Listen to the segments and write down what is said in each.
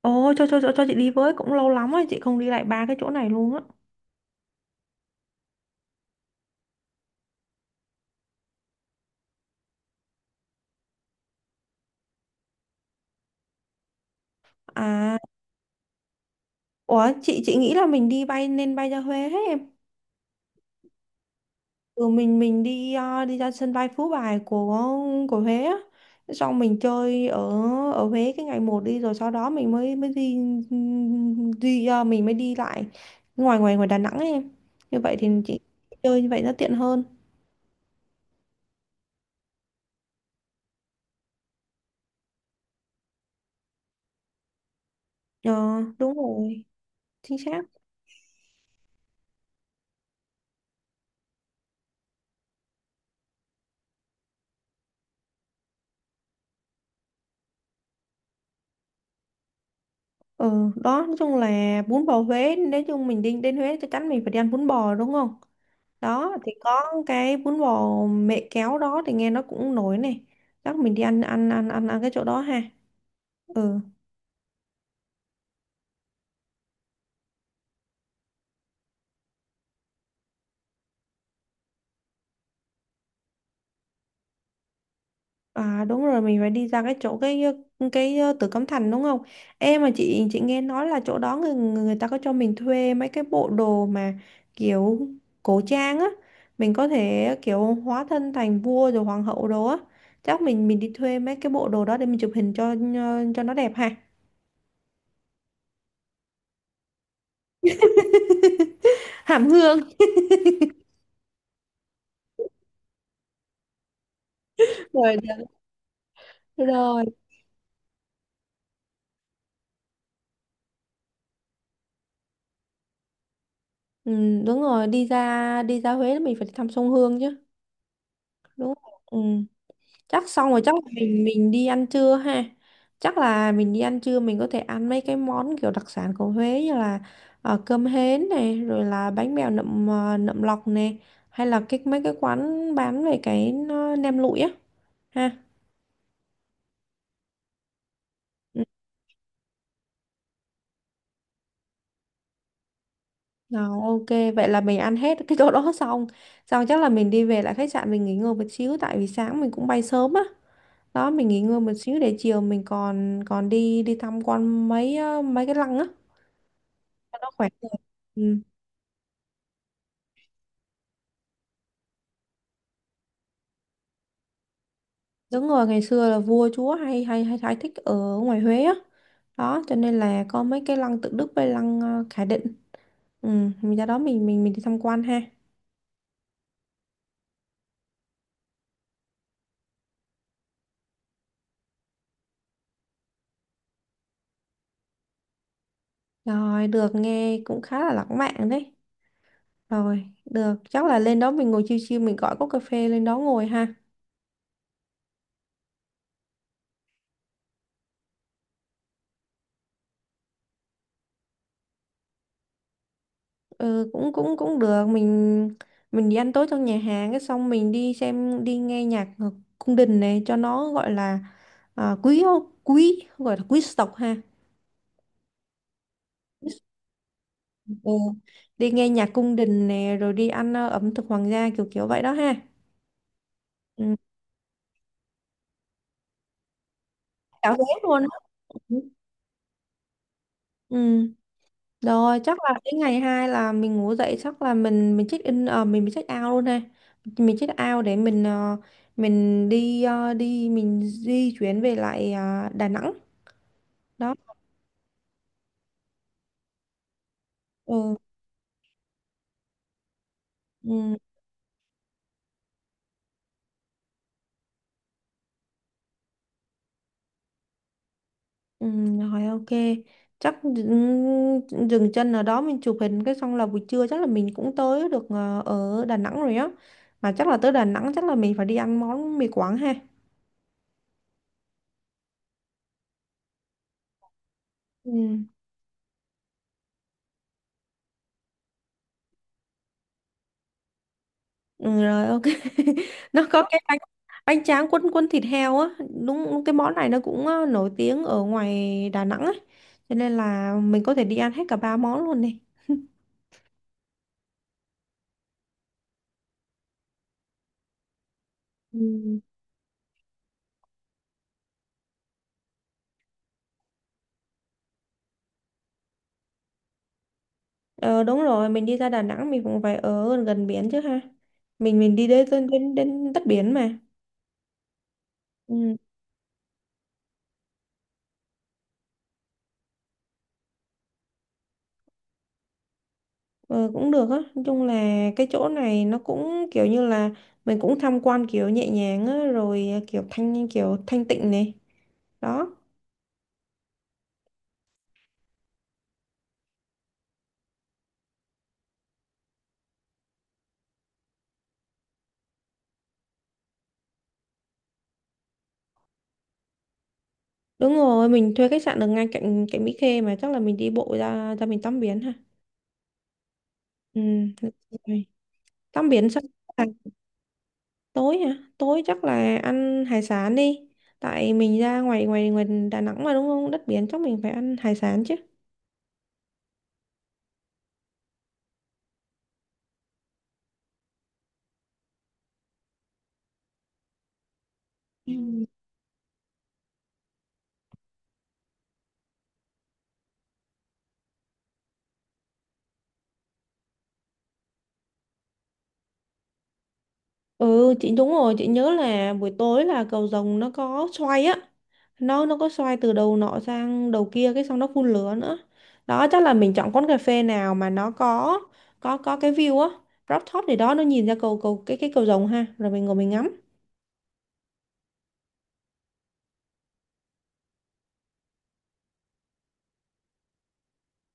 Ồ, cho chị đi với, cũng lâu lắm rồi, chị không đi lại ba cái chỗ này luôn á. À, ủa, chị nghĩ là mình đi bay nên bay ra Huế hết em. Ừ, mình đi ra sân bay Phú Bài của Huế á. Xong mình chơi ở ở Huế cái ngày một đi, rồi sau đó mình mới mới đi đi ờ, mình mới đi lại ngoài ngoài ngoài Đà Nẵng ấy em. Như vậy thì chị chơi như vậy nó tiện hơn. Ờ, Đúng rồi, chính xác. Ừ, đó, nói chung là bún bò Huế, nói chung mình đi đến Huế chắc chắn mình phải đi ăn bún bò đúng không? Đó thì có cái bún bò mẹ kéo đó thì nghe nó cũng nổi này, chắc mình đi ăn ăn ăn ăn ăn cái chỗ đó ha. Ừ. À, đúng rồi, mình phải đi ra cái chỗ Tử Cấm Thành đúng không? Em mà chị nghe nói là chỗ đó người người ta có cho mình thuê mấy cái bộ đồ mà kiểu cổ trang á, mình có thể kiểu hóa thân thành vua rồi hoàng hậu đồ á. Chắc mình đi thuê mấy cái bộ đồ đó để mình chụp hình cho nó đẹp ha. Hàm Hương. Rồi rồi. Ừ, đúng rồi, đi ra Huế là mình phải thăm sông Hương chứ. Đúng. Ừ. Chắc xong rồi, chắc là mình đi ăn trưa ha. Chắc là mình đi ăn trưa, mình có thể ăn mấy cái món kiểu đặc sản của Huế như là cơm hến này, rồi là bánh bèo nậm lọc này, hay là cái mấy cái quán bán về cái nem lụi á ha. Ừ. Rồi, ok, vậy là mình ăn hết cái chỗ đó xong xong chắc là mình đi về lại khách sạn, mình nghỉ ngơi một xíu tại vì sáng mình cũng bay sớm á. Đó, mình nghỉ ngơi một xíu để chiều mình còn còn đi đi tham quan mấy mấy cái lăng á cho nó khỏe người. Ừ. Đúng rồi, ngày xưa là vua chúa hay hay hay thái thích ở ngoài Huế á. Đó, cho nên là có mấy cái lăng Tự Đức với lăng Khải Định. Ừ, mình ra đó mình đi tham quan ha. Rồi, được, nghe cũng khá là lãng mạn đấy. Rồi, được, chắc là lên đó mình ngồi chill chill mình gọi cốc cà phê lên đó ngồi ha. Ừ, cũng cũng cũng được, mình đi ăn tối trong nhà hàng, cái xong mình đi nghe nhạc ở cung đình này cho nó gọi là à, quý quý gọi là quý tộc ha. Ừ. Đi nghe nhạc cung đình nè, rồi đi ăn ẩm thực hoàng gia kiểu kiểu vậy đó ha. Ừ. Cả vé luôn á. Ừ. Ừ, rồi, chắc là đến ngày hai là mình ngủ dậy, chắc là mình check in ờ, mình check out luôn ha. Mình check out để mình ờ, mình đi ờ, đi mình di chuyển về lại Đà Nẵng đó. Ừ. Ừ. Ừ, rồi, ok, chắc dừng chân ở đó mình chụp hình, cái xong là buổi trưa chắc là mình cũng tới được ở Đà Nẵng rồi á. Mà chắc là tới Đà Nẵng, chắc là mình phải đi ăn món mì Quảng ha. Ừ. Ừ, rồi, ok. Nó có cái bánh bánh tráng quân quân thịt heo á. Đúng, cái món này nó cũng nổi tiếng ở ngoài Đà Nẵng ấy, cho nên là mình có thể đi ăn hết cả ba món luôn này. Ừ. Ờ, đúng rồi, mình đi ra Đà Nẵng mình cũng phải ở gần biển chứ ha. Mình đi đến đất biển mà. Ừ, ờ, cũng được á, nói chung là cái chỗ này nó cũng kiểu như là mình cũng tham quan kiểu nhẹ nhàng á, rồi kiểu thanh tịnh này đó. Đúng rồi, mình thuê khách sạn ở ngay cạnh cạnh Mỹ Khê mà, chắc là mình đi bộ ra ra mình tắm biển ha. Ừ, được rồi. Tắm biển xong. à, Tối hả, tối chắc là ăn hải sản đi, tại mình ra ngoài ngoài ngoài Đà Nẵng mà, đúng không, đất biển chắc mình phải ăn hải sản chứ. Ừ. Ừ, chị đúng rồi, chị nhớ là buổi tối là cầu rồng nó có xoay á, nó có xoay từ đầu nọ sang đầu kia cái xong nó phun lửa nữa đó. Chắc là mình chọn quán cà phê nào mà nó có cái view á, rooftop gì đó, nó nhìn ra cầu cầu cái cầu rồng ha, rồi mình ngồi mình ngắm.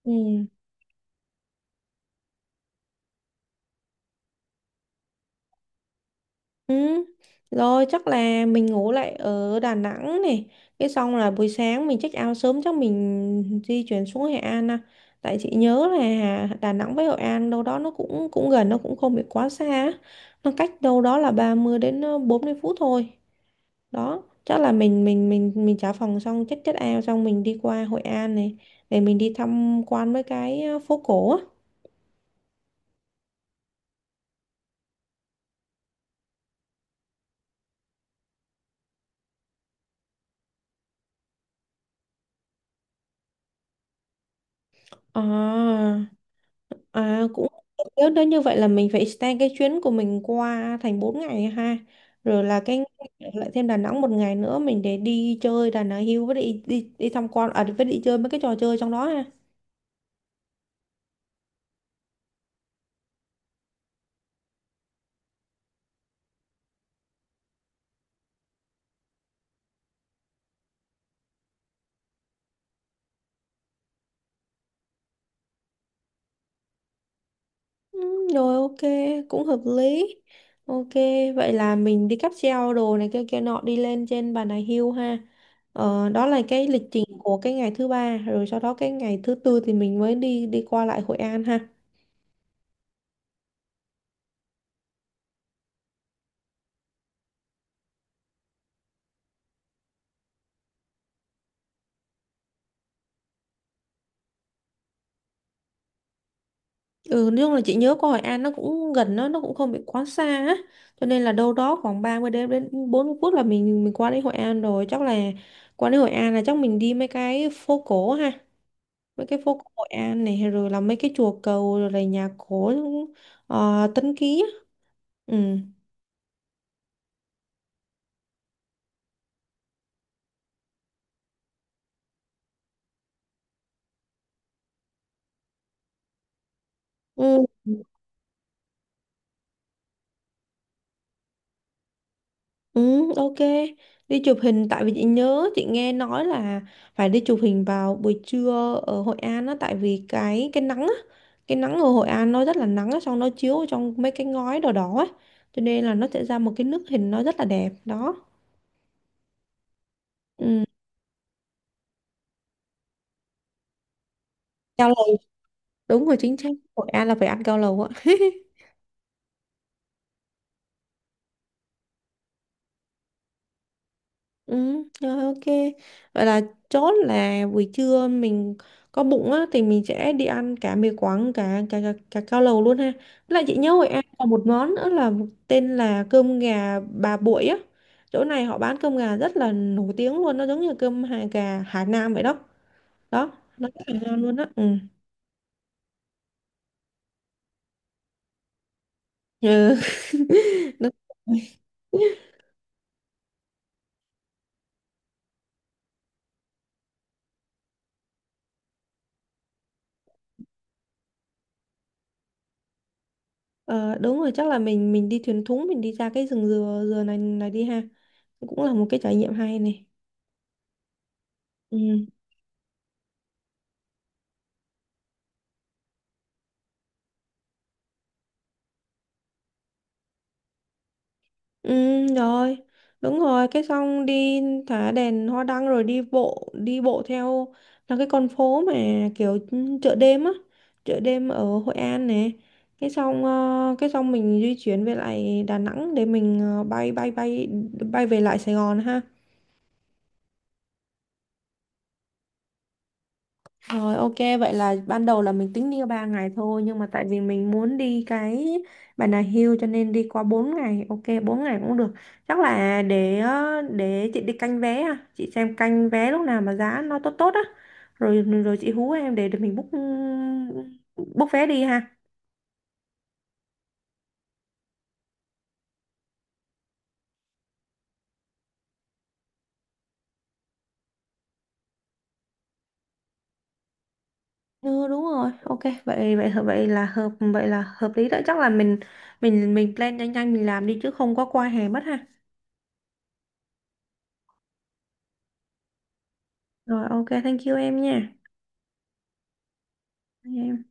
Ừ. Ừ. Rồi, chắc là mình ngủ lại ở Đà Nẵng này. Cái xong là buổi sáng mình check out sớm, chắc mình di chuyển xuống Hội An. À. Tại chị nhớ là Đà Nẵng với Hội An đâu đó nó cũng cũng gần, nó cũng không bị quá xa á. Nó cách đâu đó là 30 đến 40 phút thôi. Đó, chắc là mình trả phòng xong, check check out xong mình đi qua Hội An này để mình đi tham quan mấy cái phố cổ á. À. À, cũng nếu đó như vậy là mình phải extend cái chuyến của mình qua thành 4 ngày ha. Rồi là cái lại thêm Đà Nẵng một ngày nữa mình để đi chơi Đà Nẵng Hill với đi đi đi tham quan với đi chơi mấy cái trò chơi trong đó ha. Ừ, rồi, ok, cũng hợp lý. Ok, vậy là mình đi cáp treo đồ này kia kia nọ đi lên trên Bà Nà Hill ha. Ờ, đó là cái lịch trình của cái ngày thứ ba, rồi sau đó cái ngày thứ tư thì mình mới đi đi qua lại Hội An ha. Ừ, nói chung là chị nhớ có Hội An nó cũng gần, nó cũng không bị quá xa á. Cho nên là đâu đó khoảng 30 đến đến 40 phút là mình qua đến Hội An rồi. Chắc là qua đến Hội An là chắc mình đi mấy cái phố cổ ha. Mấy cái phố cổ Hội An này, rồi là mấy cái chùa cầu, rồi là nhà cổ Tân Ký á. Ừ. Ừ. Ừ, ok. Đi chụp hình, tại vì chị nhớ chị nghe nói là phải đi chụp hình vào buổi trưa ở Hội An á, tại vì cái nắng á, cái nắng ở Hội An nó rất là nắng á, xong nó chiếu vào trong mấy cái ngói đỏ đỏ á. Cho nên là nó sẽ ra một cái nước hình nó rất là đẹp đó. Ừ, cao lầu đúng rồi, chính xác. Hội An là phải ăn cao lầu á. Ừ, rồi, ok. Vậy là chốt là buổi trưa mình có bụng á thì mình sẽ đi ăn cả mì Quảng cả cao lầu luôn ha. Với lại chị nhớ Hội An còn một món nữa là một tên là cơm gà bà Bụi á. Chỗ này họ bán cơm gà rất là nổi tiếng luôn, nó giống như cơm hà gà Hải Nam vậy đó. Đó, nó rất là ngon luôn á. Ừ. Ừ. Đúng rồi. Ờ, đúng rồi, chắc là mình đi thuyền thúng mình đi ra cái rừng dừa dừa này này đi ha. Cũng là một cái trải nghiệm hay này. Ừ. Ừ, rồi, đúng rồi, cái xong đi thả đèn hoa đăng rồi đi bộ theo là cái con phố mà kiểu chợ đêm á, chợ đêm ở Hội An nè. Cái xong mình di chuyển về lại Đà Nẵng để bay bay bay bay về lại Sài Gòn ha. Rồi, ok, vậy là ban đầu là mình tính đi 3 ngày thôi nhưng mà tại vì mình muốn đi cái Bà Nà Hill cho nên đi qua 4 ngày. Ok, 4 ngày cũng được. Chắc là để chị đi canh vé, à, chị xem canh vé lúc nào mà giá nó tốt tốt á. Rồi rồi chị hú em để mình book book vé đi ha. Ừ, đúng rồi. Ok, vậy vậy vậy là hợp lý đó. Chắc là mình plan nhanh nhanh mình làm đi, chứ không có qua hè mất ha. Rồi, ok, thank you em nha. Thank you em.